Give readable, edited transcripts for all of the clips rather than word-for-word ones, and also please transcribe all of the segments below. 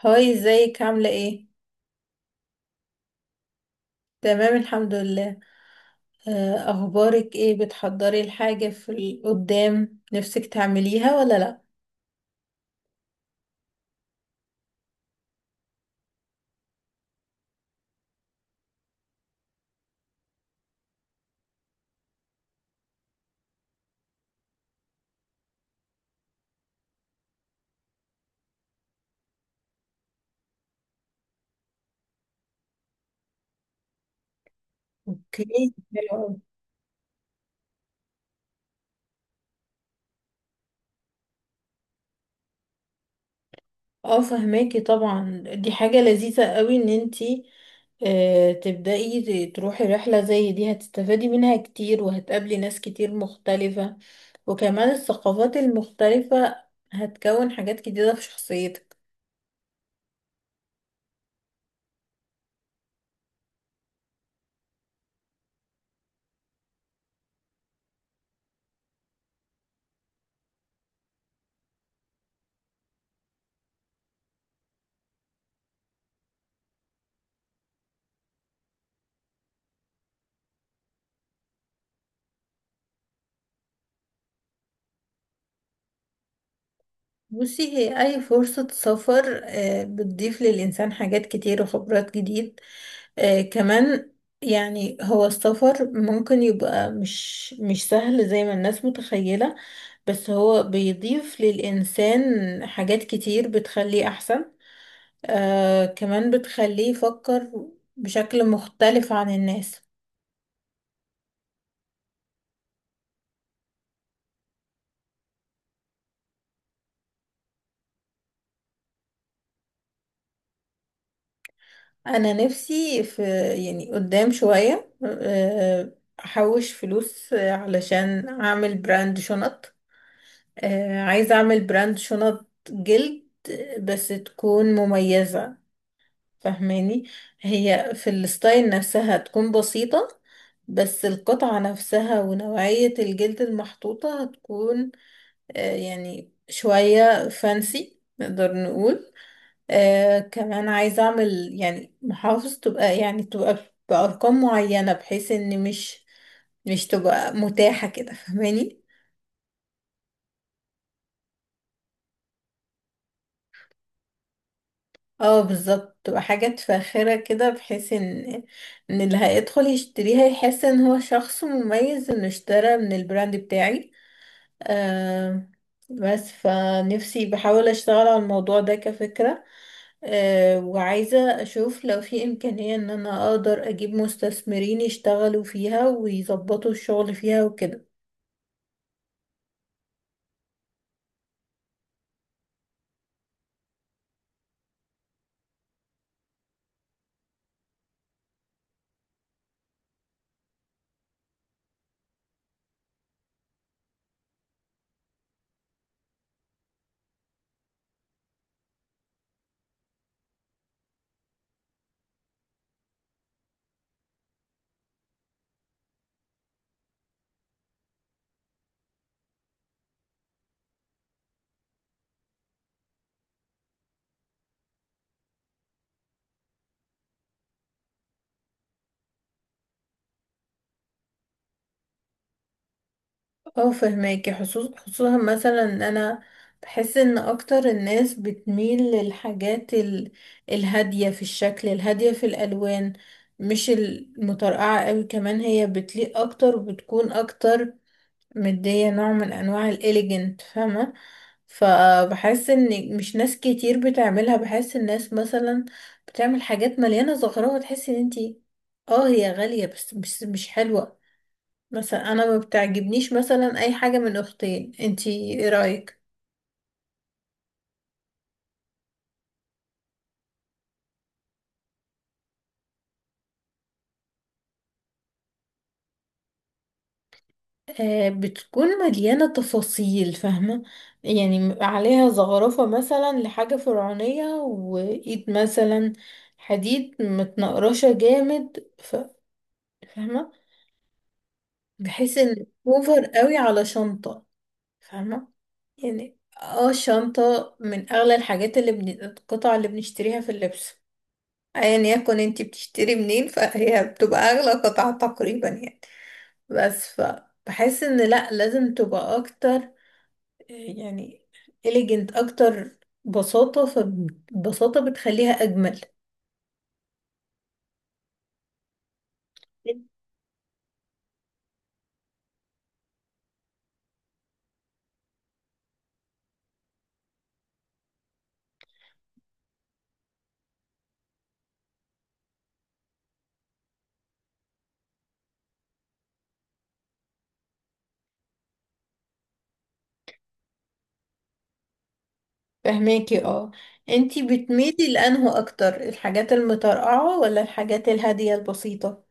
هاي، ازيك؟ عاملة ايه؟ تمام، الحمد لله. اخبارك ايه؟ بتحضري الحاجة في قدام نفسك تعمليها ولا لا؟ اوكي، حلو أوي. اه فهماكي، طبعا دي حاجة لذيذة قوي ان انتي تبدأي، تروحي رحلة زي دي. هتستفادي منها كتير وهتقابلي ناس كتير مختلفة، وكمان الثقافات المختلفة هتكون حاجات جديدة في شخصيتك. بصي، هي أي فرصة سفر بتضيف للإنسان حاجات كتير وخبرات جديد كمان. يعني هو السفر ممكن يبقى مش سهل زي ما الناس متخيلة، بس هو بيضيف للإنسان حاجات كتير بتخليه أحسن، آه كمان بتخليه يفكر بشكل مختلف عن الناس. أنا نفسي في، يعني قدام شوية، أحوش فلوس علشان أعمل براند شنط. آه، عايزة أعمل براند شنط جلد بس تكون مميزة، فاهماني؟ هي في الستايل نفسها تكون بسيطة، بس القطعة نفسها ونوعية الجلد المحطوطة هتكون آه، يعني شوية فانسي نقدر نقول. آه كمان عايزة أعمل يعني محافظ تبقى، يعني تبقى بأرقام معينة، بحيث إن مش تبقى متاحة كده، فاهماني؟ اه بالظبط، تبقى حاجات فاخرة كده، بحيث ان ان اللي هيدخل يشتريها يحس ان هو شخص مميز انه اشترى من البراند بتاعي. آه، بس فنفسي بحاول اشتغل على الموضوع ده كفكرة. آه وعايزة اشوف لو في امكانية ان انا اقدر اجيب مستثمرين يشتغلوا فيها ويظبطوا الشغل فيها وكده. اه فهماكي، خصوصا مثلا ان انا بحس ان اكتر الناس بتميل للحاجات ال... الهادية في الشكل، الهادية في الالوان، مش المطرقعة قوي. كمان هي بتليق اكتر، وبتكون اكتر مدية نوع من انواع الاليجنت، فاهمة؟ فبحس ان مش ناس كتير بتعملها. بحس الناس مثلا بتعمل حاجات مليانة زخرفة تحسي ان انتي اه هي غالية بس مش حلوة. بس انا ما بتعجبنيش مثلا اي حاجه من اختين. انتي ايه رايك؟ آه بتكون مليانه تفاصيل، فاهمه؟ يعني عليها زخرفه مثلا لحاجه فرعونيه، وايد مثلا حديد متنقرشه جامد، ف... فاهمه؟ بحيث ان اوفر قوي على شنطه. فاهمه؟ يعني اه الشنطه من اغلى الحاجات اللي بن... القطع اللي بنشتريها في اللبس. ايا يكن انت بتشتري منين، فهي بتبقى اغلى قطعة تقريبا يعني. بس فبحس ان لا، لازم تبقى اكتر يعني إليجنت اكتر. بساطة، فبساطة بتخليها اجمل. فهماكي؟ اه انتي بتميلي لانه اكتر الحاجات المترقعة ولا الحاجات الهادية البسيطة؟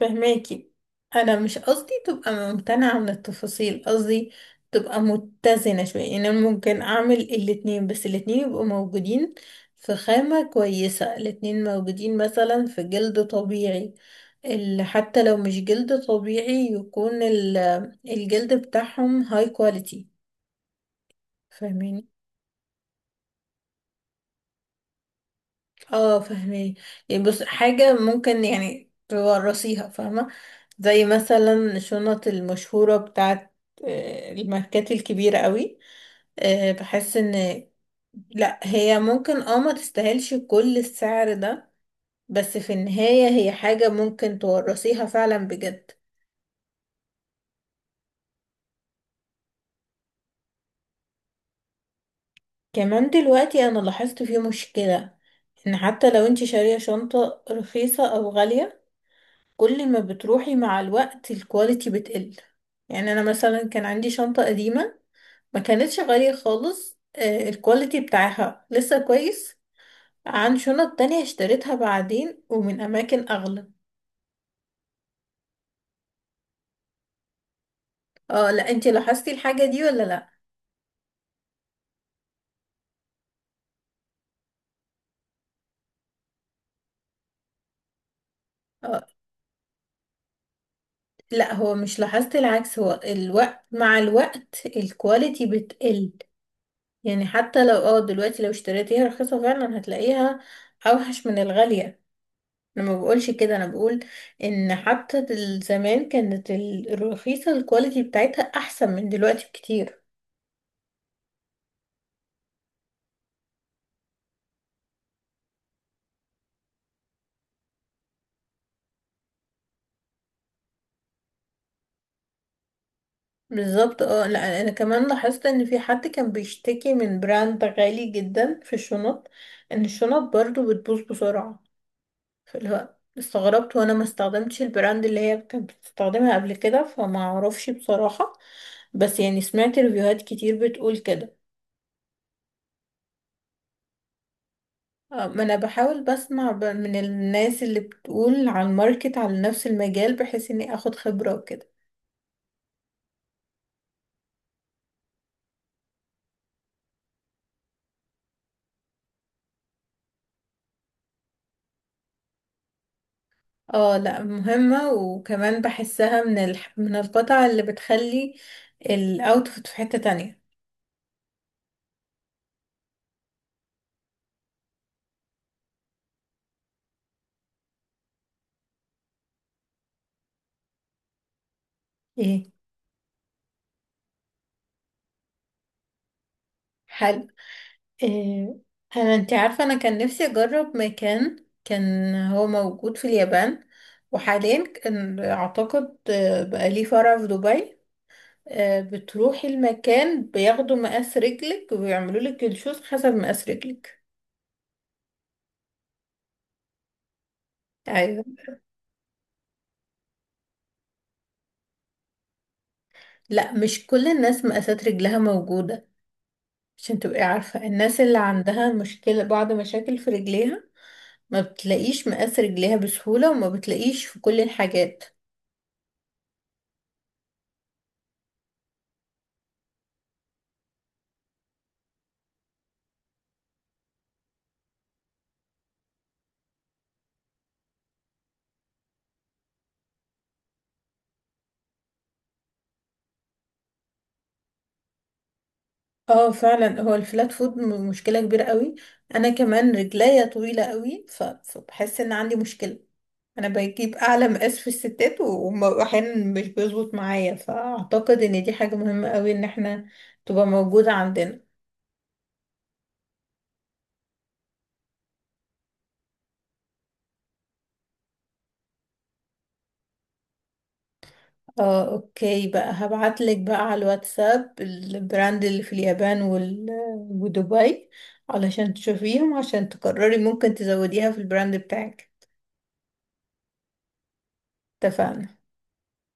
فهماكي، انا مش قصدي تبقى ممتنعة من التفاصيل، قصدي تبقى متزنة شوية. يعني انا ممكن اعمل الاتنين، بس الاتنين يبقوا موجودين في خامة كويسة، الاتنين موجودين مثلا في جلد طبيعي. حتى لو مش جلد طبيعي، يكون الجلد بتاعهم هاي كواليتي. اه فهمي، يعني بص، حاجة ممكن يعني تورثيها، فاهمة؟ زي مثلا الشنط المشهورة بتاعت الماركات الكبيرة قوي. بحس ان لا، هي ممكن اه ما تستاهلش كل السعر ده، بس في النهاية هي حاجة ممكن تورثيها فعلا بجد. كمان دلوقتي انا لاحظت فيه مشكلة، ان حتى لو انت شارية شنطة رخيصة او غالية، كل ما بتروحي مع الوقت الكواليتي بتقل. يعني انا مثلا كان عندي شنطة قديمة ما كانتش غالية خالص، الكواليتي بتاعها لسه كويس عن شنط تانية اشتريتها بعدين ومن اماكن اغلى. اه، لا انتي لاحظتي الحاجة دي ولا لا؟ اه لا، هو مش لاحظت العكس، هو الوقت، مع الوقت الكواليتي بتقل. يعني حتى لو اه دلوقتي لو اشتريتيها رخيصة فعلا هتلاقيها اوحش من الغالية. انا ما بقولش كده، انا بقول ان حتى زمان كانت الرخيصه الكواليتي بتاعتها احسن من دلوقتي بكتير. بالظبط. اه لا، انا كمان لاحظت ان في حد كان بيشتكي من براند غالي جدا في الشنط، ان الشنط برضو بتبوظ بسرعه. فاللي هو استغربت، وانا ما استخدمتش البراند اللي هي كانت بتستخدمها قبل كده، فما اعرفش بصراحه، بس يعني سمعت ريفيوهات كتير بتقول كده. ما انا بحاول بسمع من الناس اللي بتقول على الماركت على نفس المجال، بحيث اني اخد خبرة وكده. اه لا مهمة، وكمان بحسها من من القطع اللي بتخلي الاوتفيت في حتة تانية. ايه؟ حلو. إيه. انا، انت عارفة انا كان نفسي اجرب مكان كان هو موجود في اليابان، وحاليا كان اعتقد بقى ليه فرع في دبي. بتروحي المكان بياخدوا مقاس رجلك ويعملوا لك الشوز حسب مقاس رجلك. ايوه. لا مش كل الناس مقاسات رجلها موجودة، عشان تبقي عارفة الناس اللي عندها مشكلة، بعض مشاكل في رجليها، ما بتلاقيش مقاس رجليها بسهولة وما بتلاقيش في كل الحاجات. اه فعلا، هو الفلات فود مشكلة كبيرة قوي. انا كمان رجليا طويلة قوي، فبحس ان عندي مشكلة، انا بجيب اعلى مقاس في الستات واحيانا مش بيظبط معايا. فاعتقد ان دي حاجة مهمة قوي ان احنا تبقى موجودة عندنا. اه اوكي، بقى هبعتلك بقى على الواتساب البراند اللي في اليابان ودبي، علشان تشوفيهم، عشان تقرري ممكن تزوديها في البراند بتاعك. اتفقنا.